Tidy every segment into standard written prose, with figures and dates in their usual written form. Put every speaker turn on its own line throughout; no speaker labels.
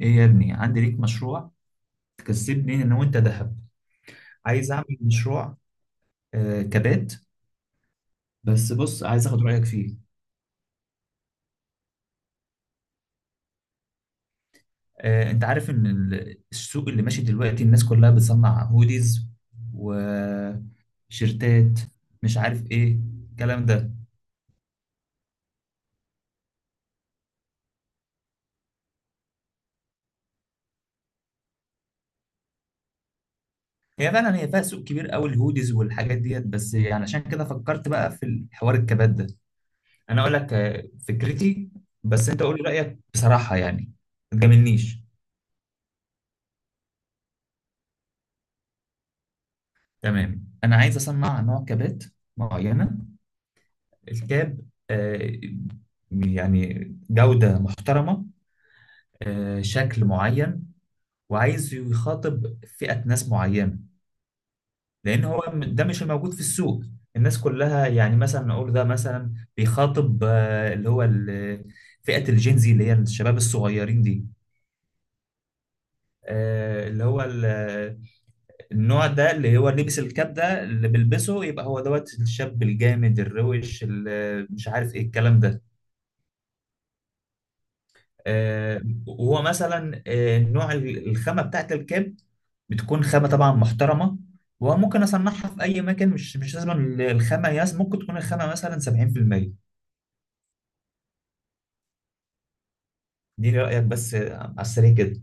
ايه يا ابني، عندي ليك مشروع تكسبني انا وانت ذهب. عايز اعمل مشروع كبات. بس بص، عايز اخد رايك فيه. انت عارف ان السوق اللي ماشي دلوقتي الناس كلها بتصنع هوديز وشيرتات، مش عارف ايه الكلام ده. هي فعلا هي فيها سوق كبير قوي الهوديز والحاجات ديت، بس يعني عشان كده فكرت بقى في حوار الكبات ده. انا اقول لك فكرتي. بس انت قول لي رايك بصراحه يعني، ما تجاملنيش. تمام، انا عايز اصنع نوع كابات معينه. الكاب آه، يعني جوده محترمه، شكل معين، وعايز يخاطب فئه ناس معينه. لان هو ده مش الموجود في السوق. الناس كلها يعني مثلا نقول ده مثلا بيخاطب فئه الجينزي اللي هي الشباب الصغيرين دي. اللي هو النوع ده اللي هو لبس الكاب ده اللي بيلبسه يبقى هو دوت الشاب الجامد الروش اللي مش عارف ايه الكلام ده. آه، وهو مثلا نوع الخامة بتاعت الكاب بتكون خامة طبعا محترمة. وممكن اصنعها في اي مكان، مش لازم الخامة ياس، ممكن تكون الخامة مثلا 70%. دي رأيك بس على السريع كده.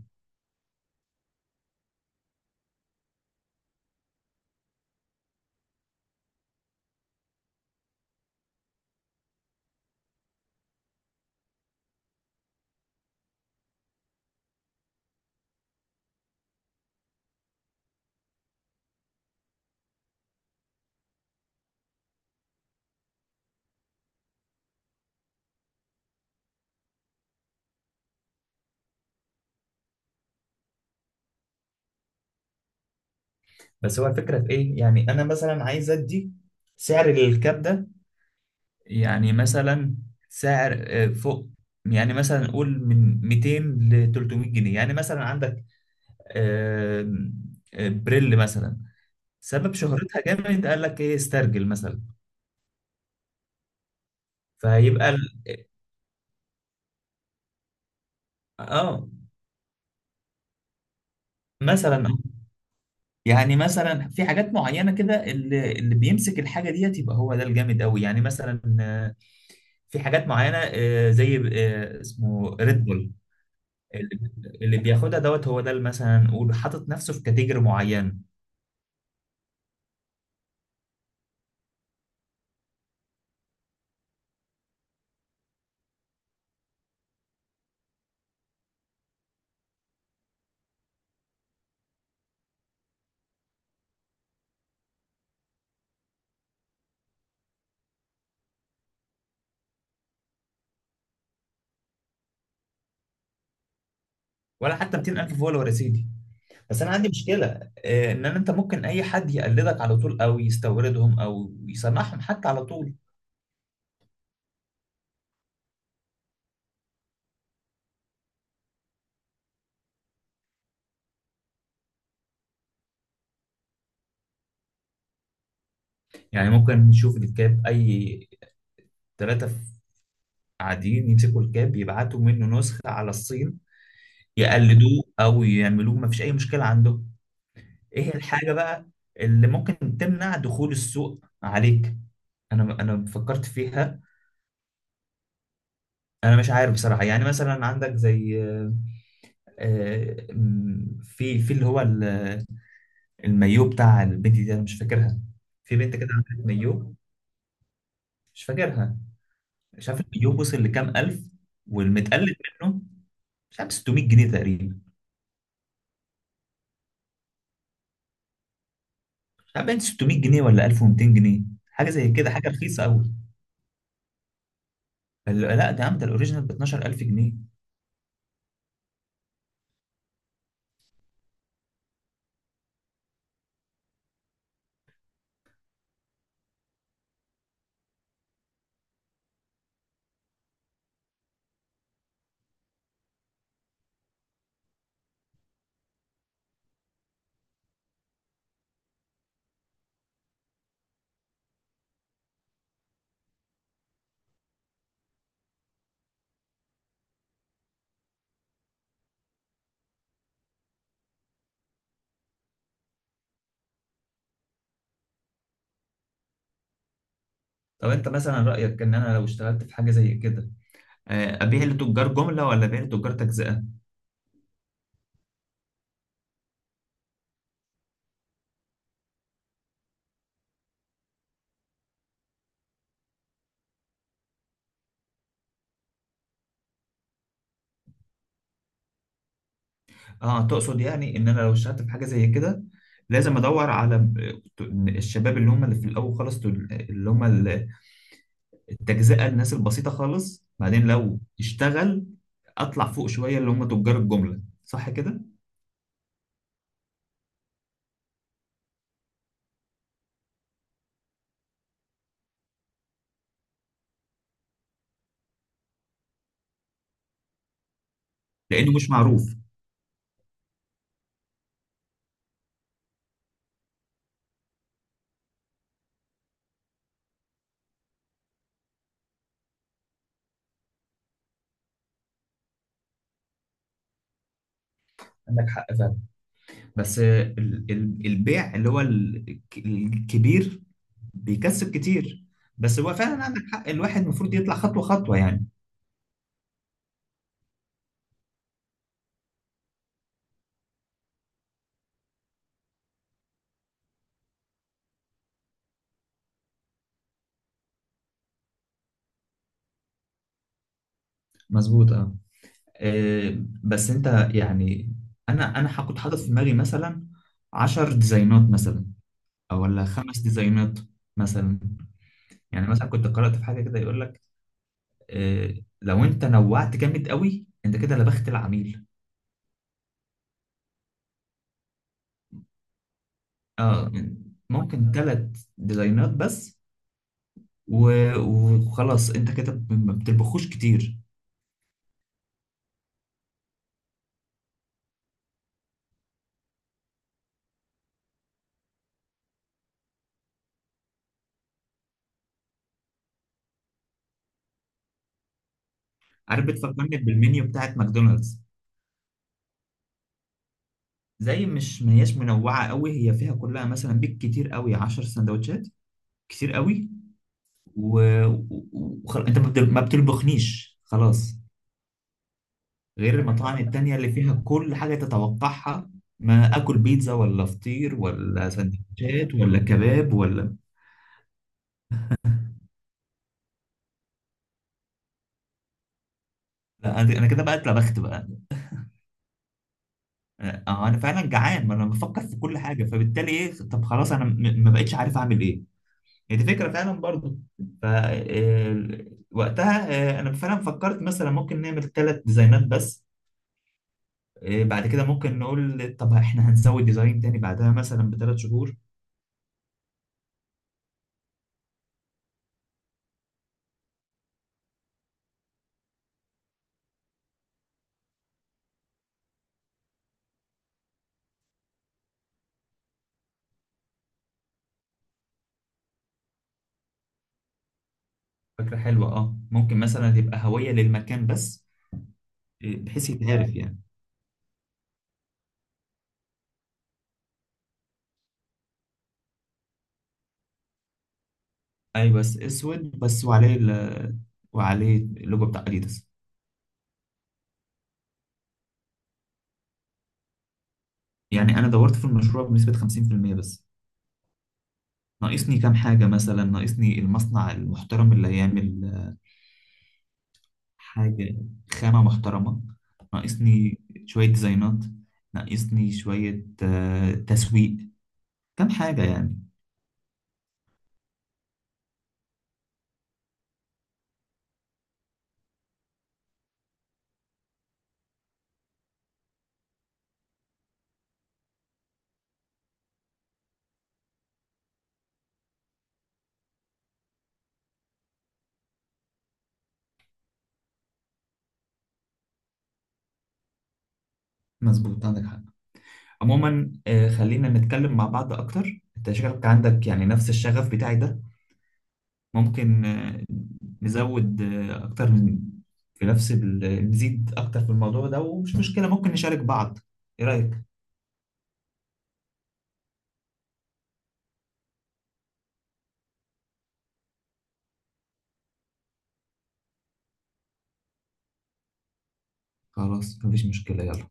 بس هو الفكرة في ايه؟ يعني انا مثلا عايز ادي سعر للكاب ده. يعني مثلا سعر فوق. يعني مثلا نقول من 200 ل 300 جنيه. يعني مثلا عندك آه، بريل مثلا، سبب شهرتها جامد، قال لك ايه استرجل مثلا. فهيبقى ال... اه مثلا يعني مثلا في حاجات معينه كده اللي بيمسك الحاجه ديت يبقى هو ده الجامد قوي. يعني مثلا في حاجات معينه زي اسمه ريد بول. اللي اللي بياخدها دوت هو ده اللي مثلا نقول حاطط نفسه في كاتيجوري معين. ولا حتى 200,000 فولور يا سيدي. بس انا عندي مشكله ان انت ممكن اي حد يقلدك على طول او يستوردهم او يصنعهم حتى على طول. يعني ممكن نشوف الكاب اي ثلاثه قاعدين يمسكوا الكاب يبعتوا منه نسخه على الصين يقلدوه او يعملوه، ما فيش اي مشكله عندهم. ايه الحاجه بقى اللي ممكن تمنع دخول السوق عليك؟ انا فكرت فيها. انا مش عارف بصراحه. يعني مثلا عندك زي آه، في اللي هو المايو بتاع البنت دي، انا مش فاكرها. في بنت كده عملت مايو، مش فاكرها. مش عارف المايو وصل لكام الف، والمتقلد منه مش عارف 600 جنيه تقريبا. مش عارف بين 600 جنيه ولا 1,200 جنيه، حاجه زي كده، حاجه رخيصه قوي. لا ده يا عم ده الاوريجينال ب 12,000 جنيه. طب انت مثلا رايك ان انا لو اشتغلت في حاجه زي كده ابيع لتجار جمله ولا ابيع لتجار تجزئه؟ اه، تقصد يعني ان انا لو اشتغلت في حاجه زي كده لازم ادور على الشباب اللي هم اللي في الاول خالص اللي هم التجزئة، الناس البسيطة خالص، بعدين لو اشتغل اطلع فوق شوية اللي هم تجار الجملة، صح كده؟ لانه مش معروف. عندك حق فعلا. بس البيع اللي هو الكبير بيكسب كتير. بس هو فعلا عندك حق، الواحد المفروض يطلع خطوة خطوة يعني. مظبوط اه. بس انت يعني انا هكون حاطط في دماغي مثلا 10 ديزاينات مثلا، او ولا 5 ديزاينات مثلا. يعني مثلا كنت قرأت في حاجة كده يقول لك آه، لو انت نوعت جامد قوي انت كده لبخت العميل. اه، ممكن 3 ديزاينات بس. وخلاص انت كده ما بتطبخوش كتير. عارف بتفكرني بالمنيو بتاعت ماكدونالدز، زي مش ما هياش منوعه قوي، هي فيها كلها، مثلا بيك كتير قوي 10 سندوتشات كتير قوي. و... انت ما بتطبخنيش خلاص، غير المطاعم التانية اللي فيها كل حاجة تتوقعها، ما اكل بيتزا ولا فطير ولا سندوتشات ولا كباب ولا... لا انا، أنا كده بقى اتلبخت بقى. آه، انا فعلا جعان، ما انا بفكر في كل حاجة. فبالتالي ايه؟ طب خلاص، انا ما بقتش عارف اعمل ايه. هي دي فكرة فعلا برضو. ف آه، وقتها انا فعلا فكرت مثلا ممكن نعمل 3 ديزاينات بس. بعد كده ممكن نقول طب احنا هنسوي ديزاين تاني بعدها مثلا ب 3 شهور. فكرة حلوة اه، ممكن مثلا يبقى هوية للمكان بس بحيث يتهرف يعني. ايوه بس اسود بس وعليه ال... وعليه اللوجو بتاع اديداس. يعني انا دورت في المشروع بنسبة 50% بس، ناقصني كام حاجة. مثلا ناقصني المصنع المحترم اللي هيعمل حاجة خامة محترمة، ناقصني شوية ديزاينات، ناقصني شوية تسويق، كام حاجة يعني. مظبوط عندك حق. عموما خلينا نتكلم مع بعض اكتر، انت شكلك عندك يعني نفس الشغف بتاعي ده. ممكن نزود أكتر من في نفس ال... نزيد أكتر في الموضوع ده، ومش مشكلة ممكن نشارك بعض. إيه رأيك؟ خلاص مفيش مشكلة يلا